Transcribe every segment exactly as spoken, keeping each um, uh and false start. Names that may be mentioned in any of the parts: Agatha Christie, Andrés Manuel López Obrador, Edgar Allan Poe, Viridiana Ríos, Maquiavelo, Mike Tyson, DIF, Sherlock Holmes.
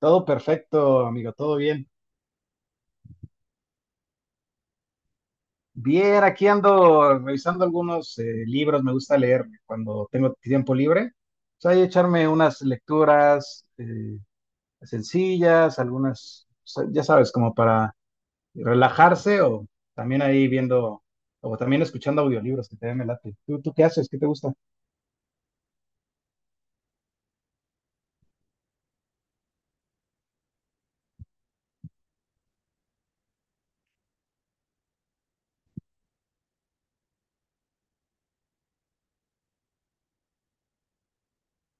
Todo perfecto, amigo, todo bien. Bien, aquí ando revisando algunos eh, libros, me gusta leer cuando tengo tiempo libre. O sea, y echarme unas lecturas eh, sencillas, algunas, o sea, ya sabes, como para relajarse o también ahí viendo, o también escuchando audiolibros que te me late. ¿Tú, tú qué haces? ¿Qué te gusta?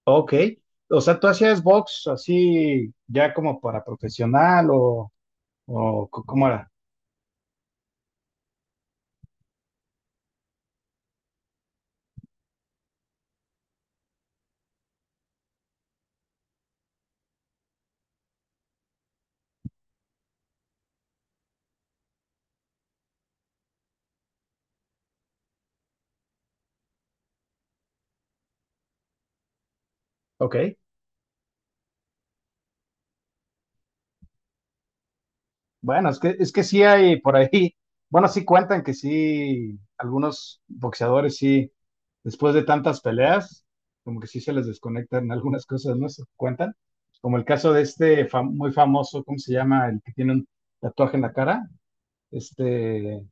Ok, o sea, ¿tú hacías box así ya como para profesional o, o c- cómo era? Ok. Bueno, es que, es que sí hay por ahí, bueno, sí cuentan que sí, algunos boxeadores sí, después de tantas peleas, como que sí se les desconectan algunas cosas, ¿no? Se cuentan, como el caso de este fam- muy famoso, ¿cómo se llama? El que tiene un tatuaje en la cara, este, el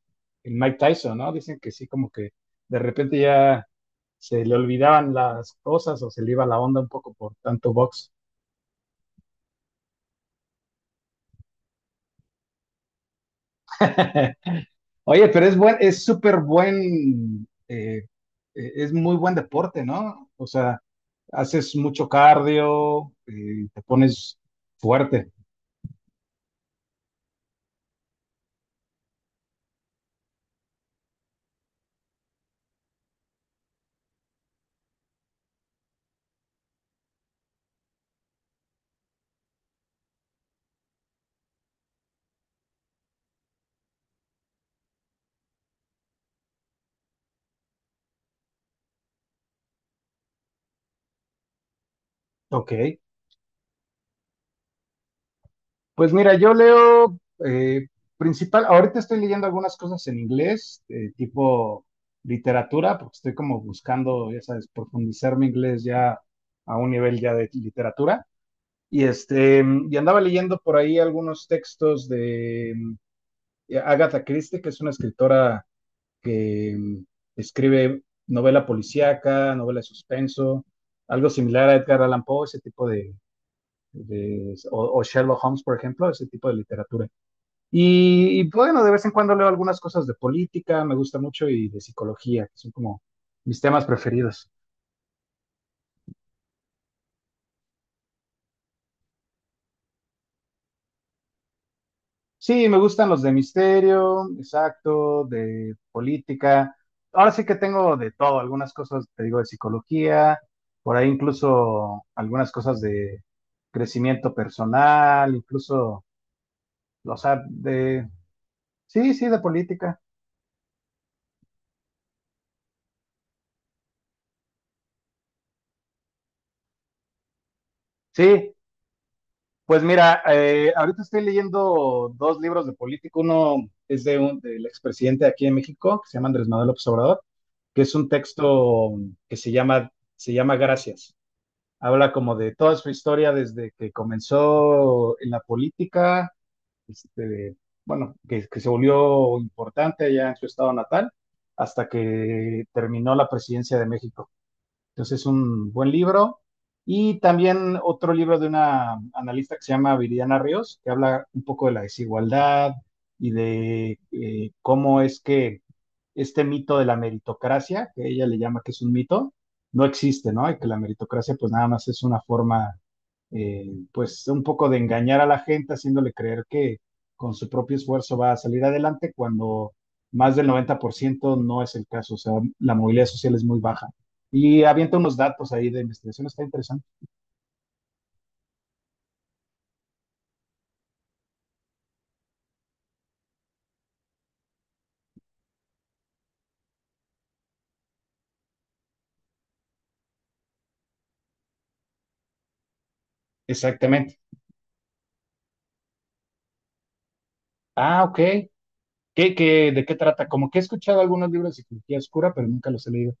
Mike Tyson, ¿no? Dicen que sí, como que de repente ya se le olvidaban las cosas o se le iba la onda un poco por tanto box. Oye, pero es buen, es súper buen, eh, eh, es muy buen deporte, ¿no? O sea, haces mucho cardio, eh, te pones fuerte. Ok. Pues mira, yo leo eh, principal, ahorita estoy leyendo algunas cosas en inglés, eh, tipo literatura, porque estoy como buscando, ya sabes, profundizar mi inglés ya a un nivel ya de literatura. Y este, y andaba leyendo por ahí algunos textos de mm, Agatha Christie, que es una escritora que mm, escribe novela policíaca, novela de suspenso, algo similar a Edgar Allan Poe, ese tipo de, de o, o, Sherlock Holmes, por ejemplo, ese tipo de literatura. Y, y, bueno, de vez en cuando leo algunas cosas de política, me gusta mucho, y de psicología, que son como mis temas preferidos. Sí, me gustan los de misterio, exacto, de política. Ahora sí que tengo de todo, algunas cosas, te digo, de psicología, por ahí incluso algunas cosas de crecimiento personal, incluso, o sea, de, sí, sí, de política. Sí, pues mira, eh, ahorita estoy leyendo dos libros de política. Uno es de un, del expresidente de aquí en México, que se llama Andrés Manuel López Obrador, que es un texto que se llama, se llama Gracias. Habla como de toda su historia desde que comenzó en la política, este, bueno, que, que se volvió importante allá en su estado natal, hasta que terminó la presidencia de México. Entonces es un buen libro. Y también otro libro de una analista que se llama Viridiana Ríos, que habla un poco de la desigualdad y de eh, cómo es que este mito de la meritocracia, que ella le llama que es un mito, no existe, ¿no? Y que la meritocracia pues nada más es una forma, eh, pues un poco de engañar a la gente, haciéndole creer que con su propio esfuerzo va a salir adelante cuando más del noventa por ciento no es el caso, o sea, la movilidad social es muy baja. Y avienta unos datos ahí de investigación, está interesante. Exactamente. Ah, ok. ¿Qué, qué, de qué trata? Como que he escuchado algunos libros de psicología oscura, pero nunca los he leído.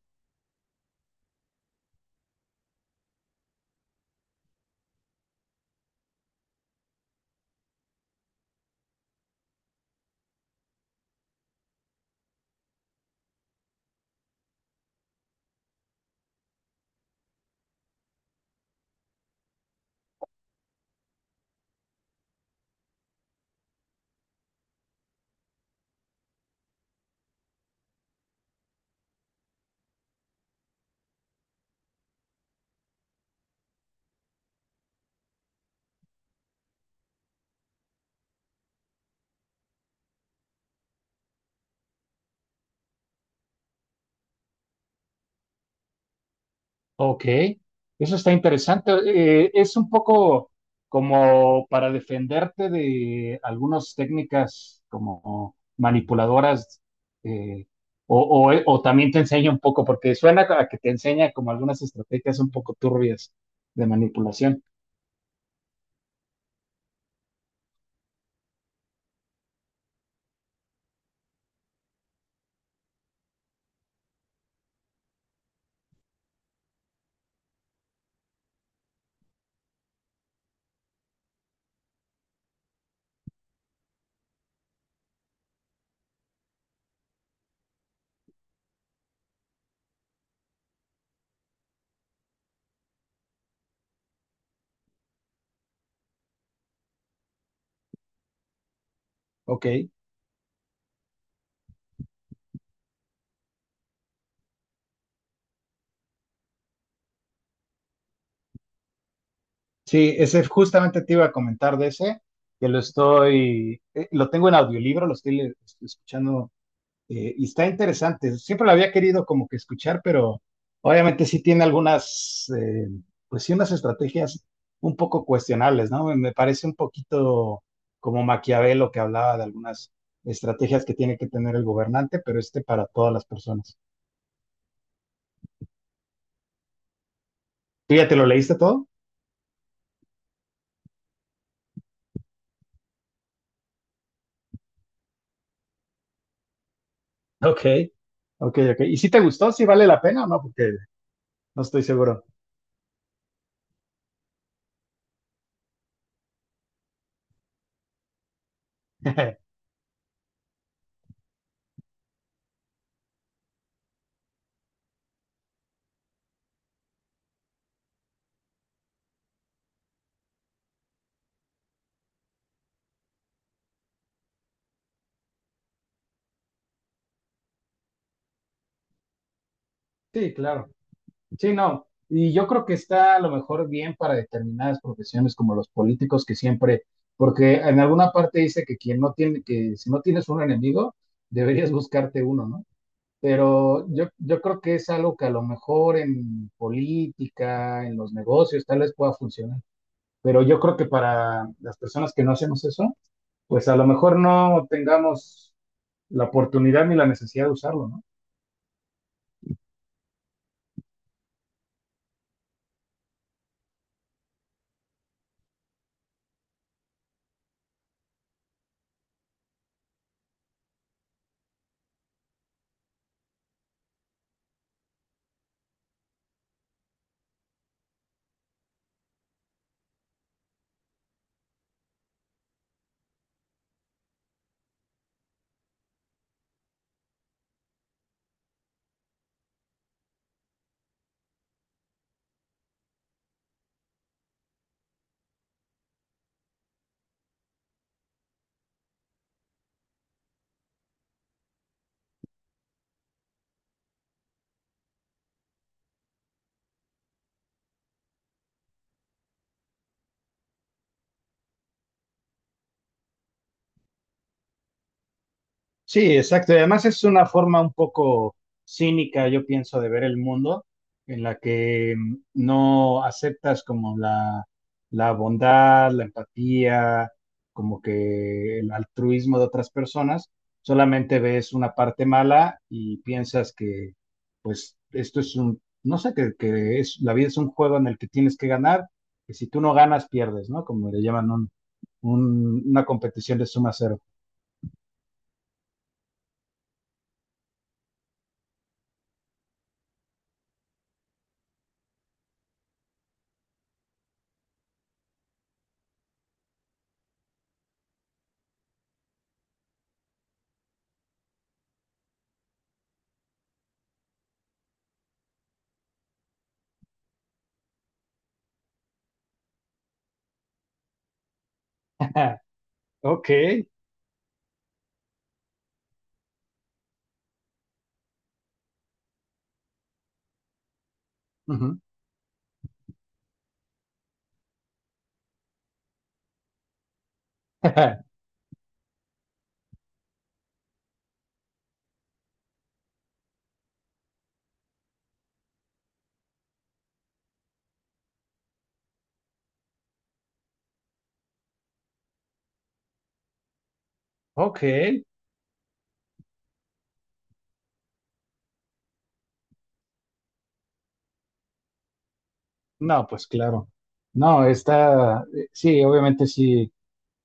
Ok, eso está interesante. Eh, es un poco como para defenderte de algunas técnicas como manipuladoras, eh, o, o- eh, o también te enseña un poco, porque suena a que te enseña como algunas estrategias un poco turbias de manipulación. Ok, sí, ese justamente te iba a comentar de ese, que lo estoy, eh, lo tengo en audiolibro, lo estoy le- escuchando eh, y está interesante. Siempre lo había querido como que escuchar, pero obviamente sí tiene algunas, eh, pues sí, unas estrategias un poco cuestionables, ¿no? Me, me parece un poquito como Maquiavelo que hablaba de algunas estrategias que tiene que tener el gobernante, pero este para todas las personas. ¿Tú ya te lo leíste todo? Ok. Ok, ok. ¿Y si te gustó? ¿Si vale la pena o no? Porque no estoy seguro. Sí, claro. Sí, no. Y yo creo que está a lo mejor bien para determinadas profesiones como los políticos que siempre, porque en alguna parte dice que quien no tiene, que si no tienes un enemigo, deberías buscarte uno, ¿no? Pero yo, yo creo que es algo que a lo mejor en política, en los negocios, tal vez pueda funcionar. Pero yo creo que para las personas que no hacemos eso, pues a lo mejor no tengamos la oportunidad ni la necesidad de usarlo, ¿no? Sí, exacto. Y además es una forma un poco cínica, yo pienso, de ver el mundo, en la que mm, no aceptas como la, la bondad, la empatía, como que el altruismo de otras personas, solamente ves una parte mala y piensas que, pues, esto es un, no sé, que, que es, la vida es un juego en el que tienes que ganar, que si tú no ganas, pierdes, ¿no? Como le llaman un, un- una competición de suma cero. Ok. Ujú. Ok, no, pues claro. No, está, eh, sí, obviamente sí,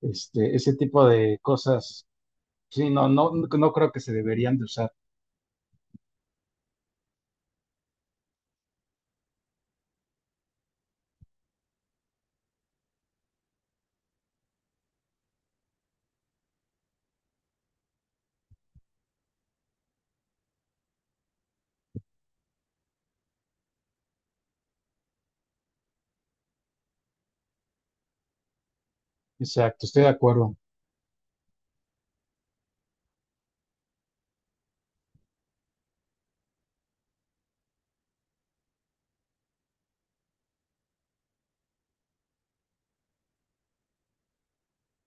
este, ese tipo de cosas, sí, no, no, no creo que se deberían de usar. Exacto, estoy de acuerdo.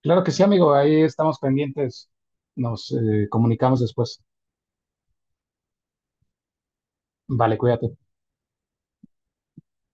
Claro que sí, amigo, ahí estamos pendientes, nos eh, comunicamos después. Vale, cuídate.